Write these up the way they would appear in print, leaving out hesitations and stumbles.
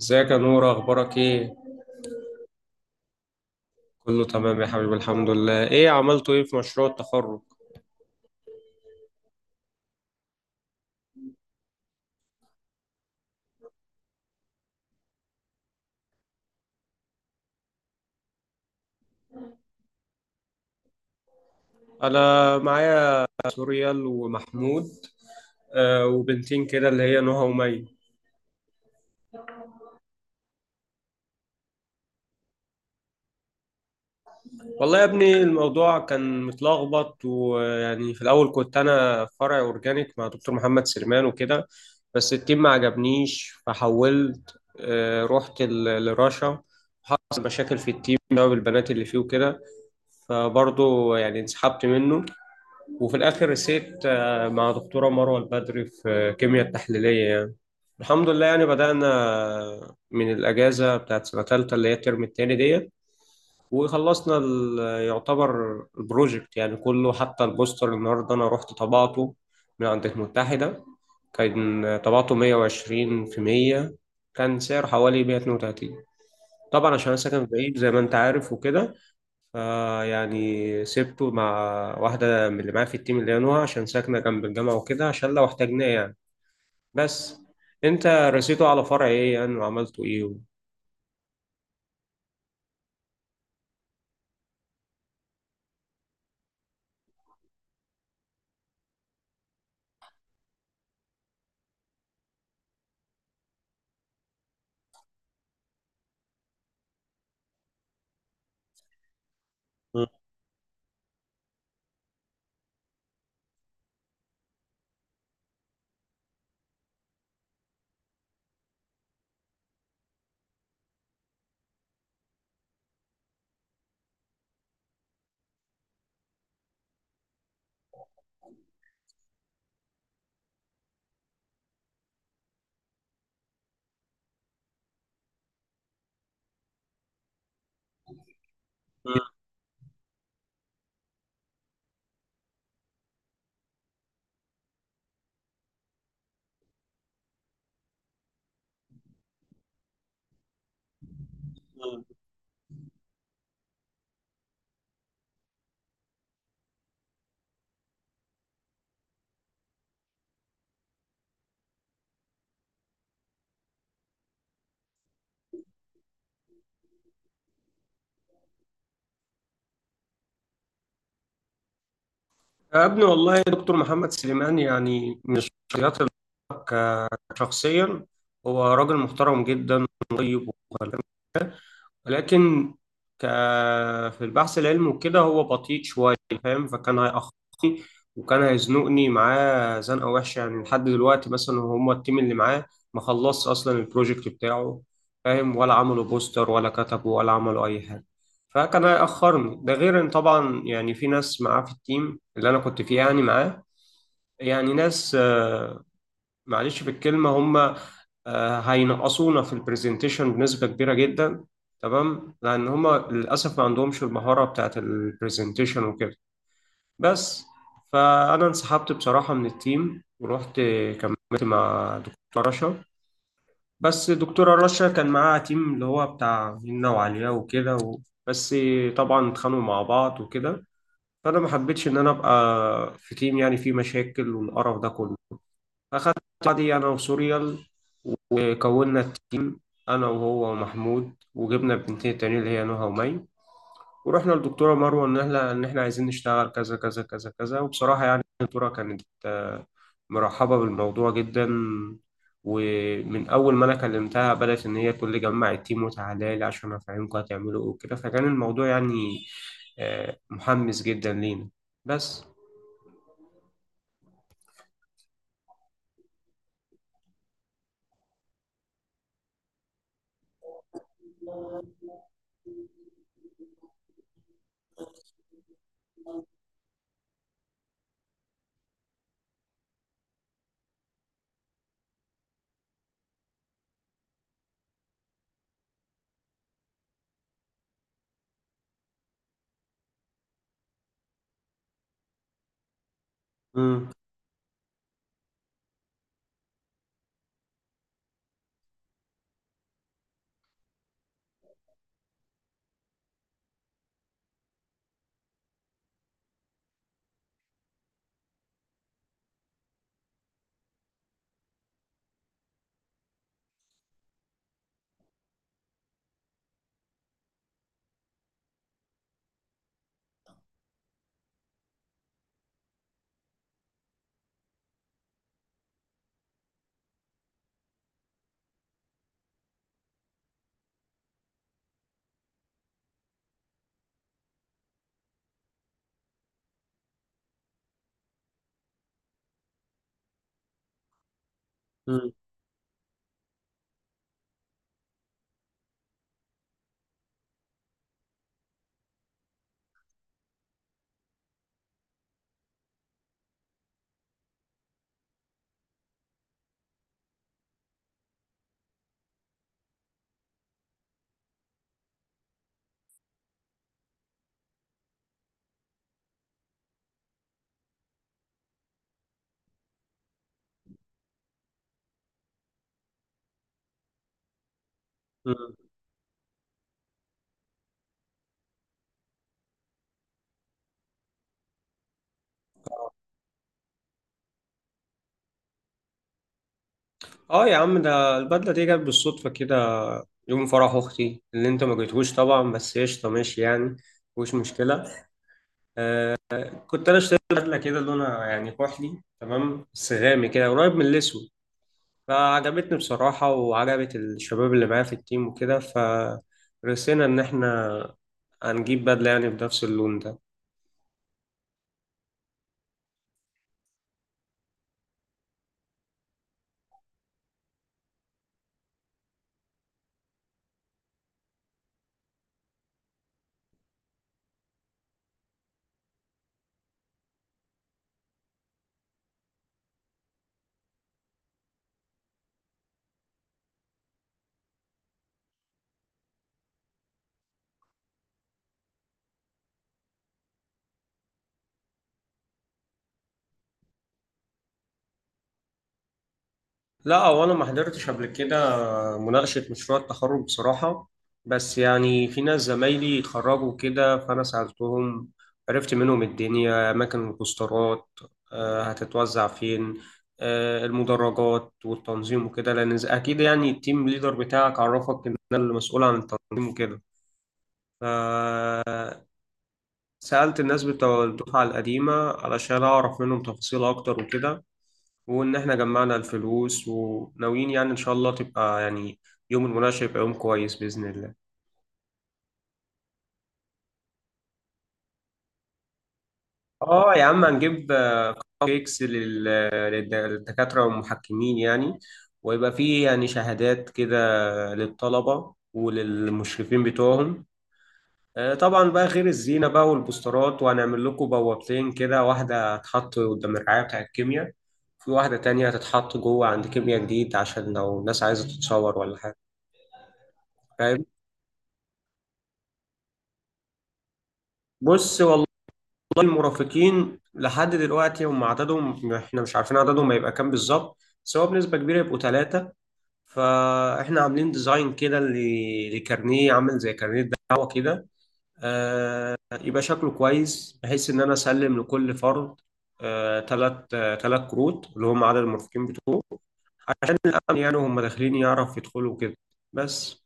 ازيك يا نور؟ اخبارك ايه؟ كله تمام يا حبيبي، الحمد لله. ايه عملتوا ايه في مشروع التخرج؟ انا معايا سوريال ومحمود. وبنتين كده اللي هي نهى ومي. والله يا ابني، الموضوع كان متلخبط، ويعني في الاول كنت انا في فرع اورجانيك مع دكتور محمد سليمان وكده. بس التيم ما عجبنيش، فحولت، رحت لرشا. حصل مشاكل في التيم بسبب البنات اللي فيه وكده. فبرضه يعني انسحبت منه. وفي الاخر رسيت، مع دكتوره مروه البدري في كيمياء التحليليه يعني. الحمد لله، يعني بدانا من الاجازه بتاعت سنه ثالثه اللي هي الترم الثاني ديت، وخلصنا يعتبر البروجكت يعني كله، حتى البوستر النهارده انا رحت طبعته من عند المتحده. كان طبعته 120 في 100. كان سعره حوالي 132. طبعا عشان انا ساكن بعيد زي ما انت عارف وكده، فيعني سبته مع واحدة من اللي معايا في التيم اللي هي نوها عشان ساكنة جنب الجامعة وكده، عشان لو احتاجناه يعني. بس انت رسيته على فرع ايه يعني وعملتوا ايه؟ مم. مم. يا ابني والله دكتور محمد سليمان يعني من الشخصيات اللي بحبها شخصيا. هو راجل محترم جدا وطيب وخلاق. ولكن، ك... في البحث العلمي وكده هو بطيء شوية. فاهم؟ فكان هيأخرني، وكان هيزنقني معاه زنقة وحشة، يعني لحد دلوقتي مثلا هما التيم اللي معاه ما خلصش أصلا البروجكت بتاعه. فاهم؟ ولا عملوا بوستر ولا كتبوا ولا عملوا أي حاجة. فكان هيأخرني، ده غير إن طبعا يعني في ناس معاه في التيم اللي أنا كنت فيه يعني معاه، يعني ناس، معلش في الكلمة، هم هينقصونا في البرزنتيشن بنسبة كبيرة جدا. تمام، لأن هم للأسف ما عندهمش المهارة بتاعت البرزنتيشن وكده. بس فأنا انسحبت بصراحة من التيم ورحت كملت مع دكتورة رشا. بس دكتورة رشا كان معاها تيم اللي هو بتاع هنا وعليا وكده بس طبعا اتخانقوا مع بعض وكده. فأنا ما حبيتش إن أنا أبقى في تيم يعني فيه مشاكل والقرف ده كله. أخدت بعضي أنا وسوريال، وكونا التيم، أنا وهو ومحمود، وجبنا البنتين التانيين اللي هي نهى ومي، ورحنا للدكتورة مروة إن إحنا عايزين نشتغل كذا كذا كذا كذا. وبصراحة يعني الدكتورة كانت، مرحبة بالموضوع جدا، ومن أول ما أنا كلمتها بدأت إن هي تقول لي جمع التيم وتعالى لي عشان أفهمكم هتعملوا إيه وكده. فكان الموضوع يعني، محمس جدا لينا. بس. مم. مم. مم. اه يا عم، ده البدلة دي جت بالصدفة كده، يوم فرح أختي اللي أنت ما جيتهوش طبعا. بس قشطة ماشي يعني، مش مشكلة. كنت أنا اشتريت بدلة كده لونها يعني كحلي، تمام، بس غامق كده قريب من الأسود. فعجبتني بصراحة وعجبت الشباب اللي معايا في التيم وكده، فرسينا إن إحنا هنجيب بدلة يعني بنفس اللون ده. لا، هو انا ما حضرتش قبل كده مناقشة مشروع التخرج بصراحة. بس يعني في ناس زمايلي اتخرجوا كده، فأنا سألتهم. عرفت منهم الدنيا، أماكن البوسترات هتتوزع فين، المدرجات والتنظيم وكده، لأن أكيد يعني التيم ليدر بتاعك عرفك إن أنا اللي مسؤول عن التنظيم وكده. سألت الناس بتوع الدفعة القديمة علشان أعرف منهم تفاصيل أكتر وكده، وإن إحنا جمعنا الفلوس وناويين يعني إن شاء الله تبقى يعني يوم المناقشة يبقى يوم كويس بإذن الله. آه يا عم، هنجيب كيكس للدكاترة والمحكمين يعني. ويبقى فيه يعني شهادات كده للطلبة وللمشرفين بتوعهم. طبعا بقى غير الزينة بقى والبوسترات، وهنعمل لكم بوابتين كده، واحدة هتتحط قدام الرعاية بتاع الكيمياء، في واحدة تانية هتتحط جوه عند كيمياء جديد عشان لو الناس عايزة تتصور ولا حاجة. فاهم؟ بص والله، والله المرافقين لحد دلوقتي هم عددهم احنا مش عارفين عددهم هيبقى كام بالظبط. بس هو بنسبة كبيرة يبقوا ثلاثة. فاحنا عاملين ديزاين كده لكارنيه، عامل زي كارنيه دعوة كده، آه يبقى شكله كويس بحيث ان انا اسلم لكل فرد ثلاث كروت اللي هم عدد المرافقين بتوعه، عشان الامن يعني هم داخلين يعرف يدخلوا كده. بس.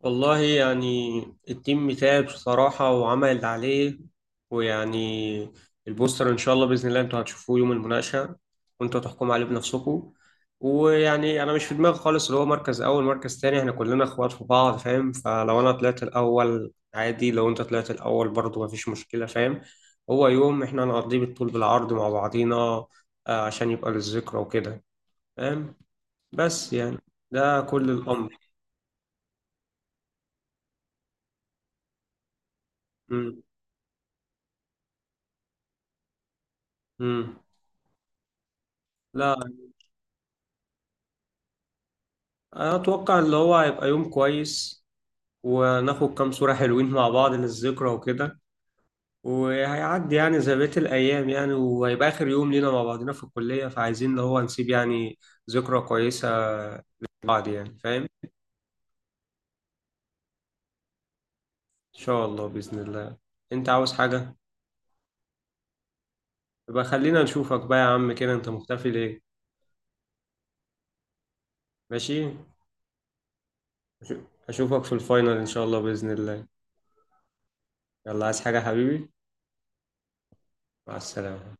والله يعني التيم تعب بصراحة وعمل اللي عليه. ويعني البوستر إن شاء الله بإذن الله أنتوا هتشوفوه يوم المناقشة، وأنتوا تحكموا عليه بنفسكم. ويعني أنا مش في دماغي خالص اللي هو مركز أول مركز تاني. إحنا كلنا إخوات في بعض. فاهم؟ فلو أنا طلعت الأول عادي، لو أنت طلعت الأول برضه مفيش مشكلة. فاهم؟ هو يوم إحنا هنقضيه بالطول بالعرض مع بعضينا، عشان يبقى للذكرى وكده. فاهم؟ بس يعني ده كل الأمر. مم. مم. لا، اتوقع اللي هو هيبقى يوم كويس، وناخد كام صورة حلوين مع بعض للذكرى وكده، وهيعدي يعني زي بقية الأيام يعني، وهيبقى آخر يوم لينا مع بعضنا في الكلية، فعايزين اللي هو نسيب يعني ذكرى كويسة لبعض يعني. فاهم؟ إن شاء الله بإذن الله. أنت عاوز حاجة؟ يبقى خلينا نشوفك بقى يا عم كده. أنت مختفي ليه؟ ماشي؟ أشوفك في الفاينل إن شاء الله بإذن الله. يلا، عايز حاجة يا حبيبي؟ مع السلامة.